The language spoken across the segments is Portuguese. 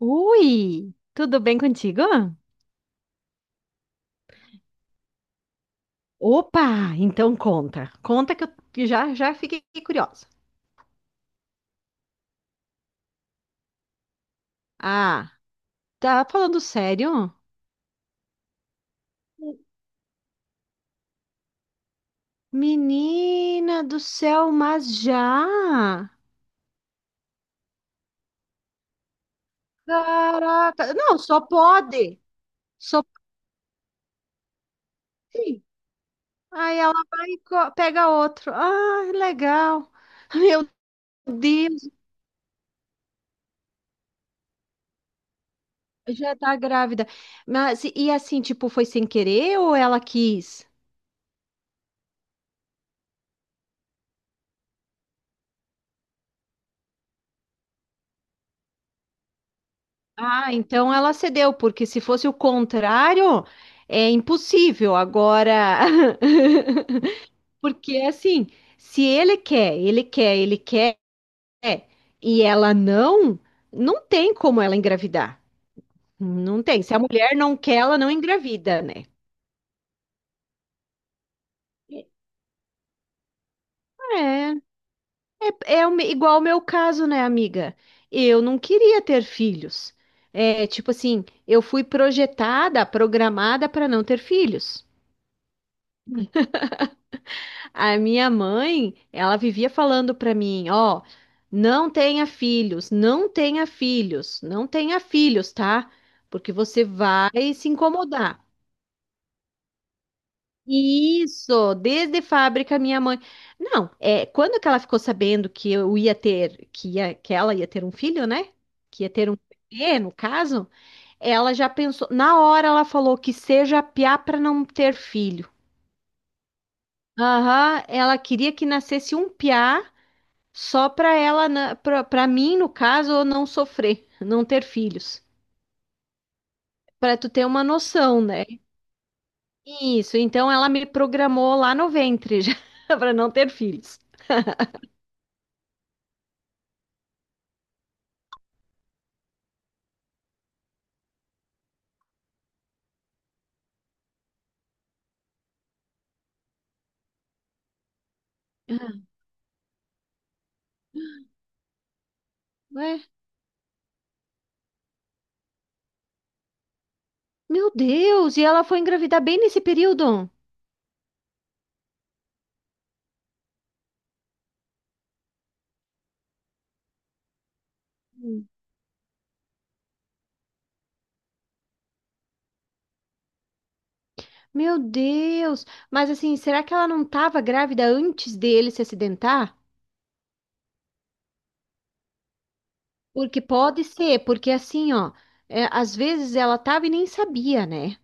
Ui, tudo bem contigo? Opa, então conta. Conta que eu que já fiquei curiosa. Ah, tá falando sério? Menina do céu, mas já? Caraca, não, só pode. Só pode. Aí ela vai e pega outro. Ah, legal. Meu Deus, já tá grávida. Mas e assim, tipo, foi sem querer ou ela quis? Ah, então ela cedeu, porque se fosse o contrário, é impossível. Agora, porque assim, se ele quer, ele quer, ele quer, e ela não, não tem como ela engravidar. Não tem. Se a mulher não quer, ela não engravida, né? É, é, é o igual o meu caso, né, amiga? Eu não queria ter filhos. É, tipo assim, eu fui projetada, programada para não ter filhos. A minha mãe, ela vivia falando para mim, ó, não tenha filhos, não tenha filhos, não tenha filhos, tá? Porque você vai se incomodar. Isso, desde fábrica, minha mãe. Não, é, quando que ela ficou sabendo que eu ia ter, que ela ia ter um filho, né? Que ia ter um bebê, no caso, ela já pensou, na hora ela falou que seja piá para não ter filho. Aham, ela queria que nascesse um piá. Só para ela, para mim, no caso, eu não sofrer, não ter filhos. Para tu ter uma noção, né? Isso, então ela me programou lá no ventre já para não ter filhos. Ué, meu Deus, e ela foi engravidar bem nesse período? Hum. Meu Deus, mas assim, será que ela não estava grávida antes dele se acidentar? Porque pode ser, porque assim, ó, é, às vezes ela tava e nem sabia, né?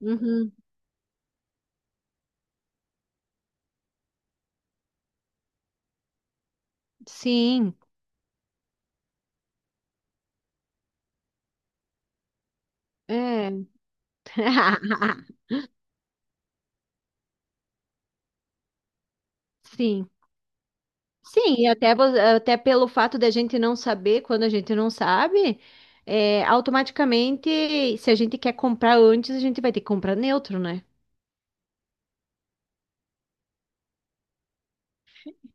Uhum. Sim, é. Sim. Sim, e até, até pelo fato da gente não saber, quando a gente não sabe, é, automaticamente, se a gente quer comprar antes, a gente vai ter que comprar neutro, né?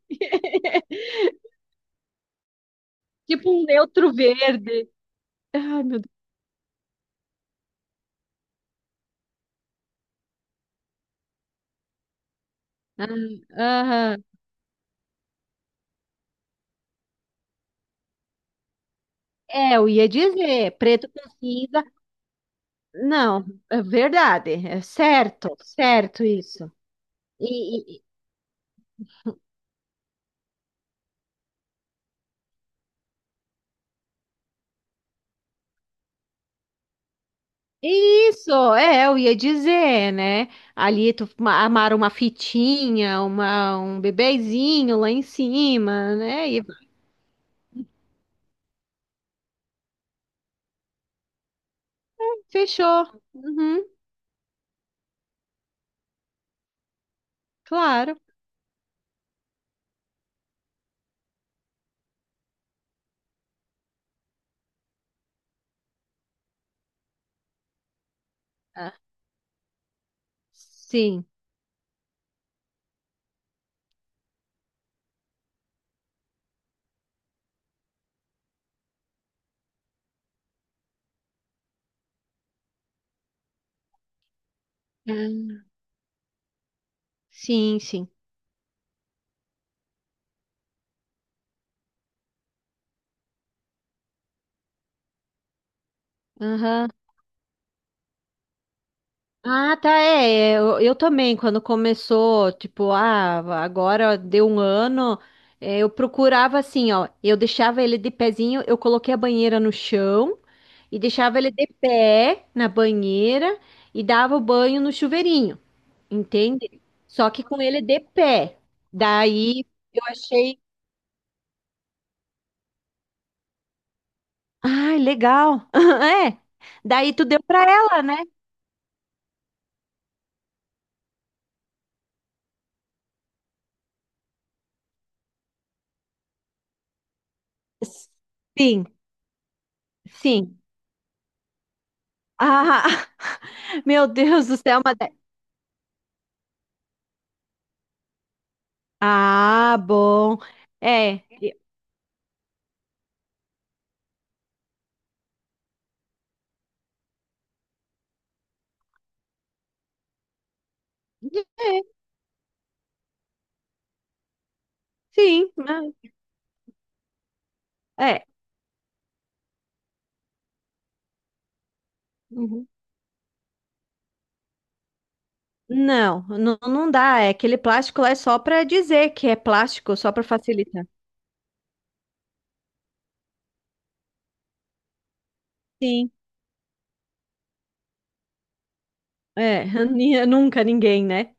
Tipo um neutro verde. Ai, meu Deus. Ah, aham. É, eu ia dizer, preto com cinza. Não, é verdade, é certo, certo isso. E, isso, é, eu ia dizer, né? Ali tu amarra uma fitinha, uma, um bebezinho lá em cima, né? E fechou. Uhum, claro. Ah, sim. Ah, sim, sim. Aham. Ah, tá, é. É, eu também, quando começou, tipo, ah, agora deu um ano, é, eu procurava assim, ó. Eu deixava ele de pezinho, eu coloquei a banheira no chão, e deixava ele de pé na banheira e dava o banho no chuveirinho, entende? Só que com ele de pé. Daí eu achei, ai, legal. É. Daí tu deu pra ela, né? Sim, sim. Ah, meu Deus do céu, mas... é. Ah, bom. É. É, sim, mas... é. Uhum. Não, não, não dá. É, aquele plástico lá é só para dizer que é plástico, só para facilitar. Sim. É, nunca ninguém, né?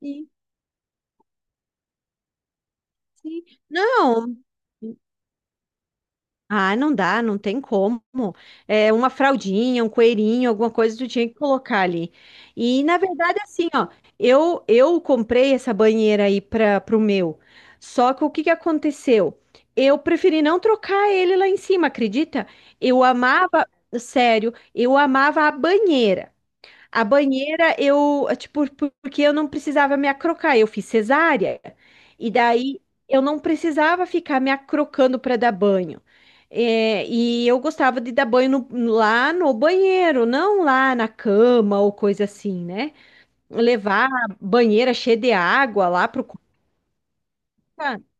Sim, sim. Não. Ah, não dá, não tem como. É uma fraldinha, um coelhinho, alguma coisa tu tinha que colocar ali. E na verdade, assim, ó, eu comprei essa banheira aí para pro meu. Só que o que que aconteceu? Eu preferi não trocar ele lá em cima, acredita? Eu amava, sério, eu amava a banheira. A banheira, eu, tipo, porque eu não precisava me acrocar, eu fiz cesárea. E daí eu não precisava ficar me acrocando para dar banho. É, e eu gostava de dar banho lá no banheiro, não lá na cama ou coisa assim, né? Levar a banheira cheia de água lá pro quarto.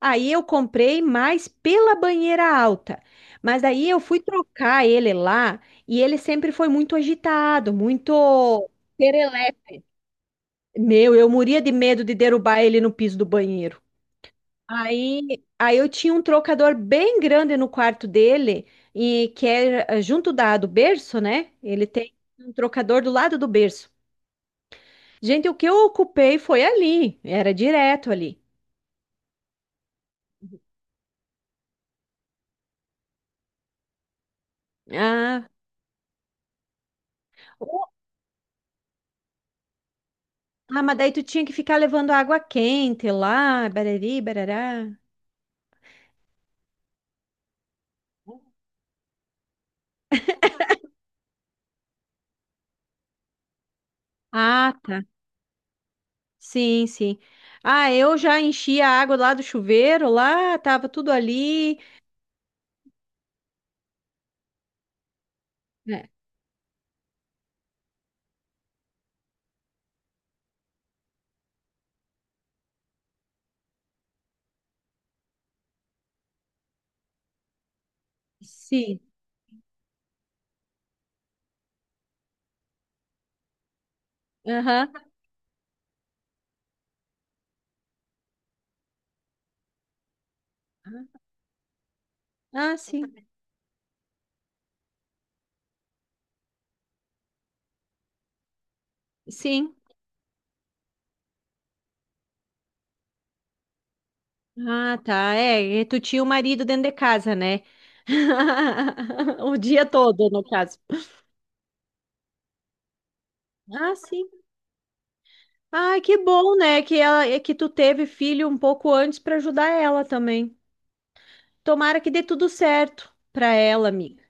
Aí eu comprei mais pela banheira alta. Mas daí eu fui trocar ele lá e ele sempre foi muito agitado, muito perelépico. Meu, eu morria de medo de derrubar ele no piso do banheiro. Aí eu tinha um trocador bem grande no quarto dele e que é eh, junto da do berço, né? Ele tem um trocador do lado do berço. Gente, o que eu ocupei foi ali, era direto ali. Ah, ah, mas daí tu tinha que ficar levando água quente lá, barari, barará. Ah, tá. Sim, sim. Ah, eu já enchi a água lá do chuveiro, lá, tava tudo ali. É. Sim. Aham. Ah, sim. Sim. Ah, tá. É, e tu tinha o marido dentro de casa, né? O dia todo, no caso. Ah, sim. Ah, que bom, né? Que ela, é que tu teve filho um pouco antes para ajudar ela também. Tomara que dê tudo certo pra ela, amiga.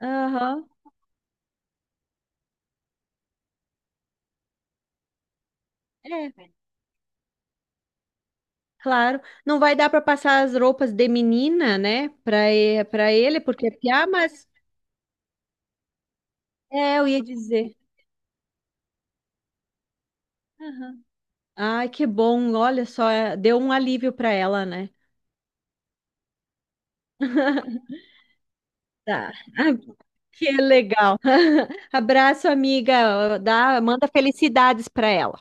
Aham. É, claro. Não vai dar pra passar as roupas de menina, né, pra para ele, porque é piá, mas é, eu ia dizer. Aham. Ai, que bom. Olha só, é, deu um alívio pra ela, né? Tá. Que legal. Abraço, amiga. Dá, manda felicidades pra ela.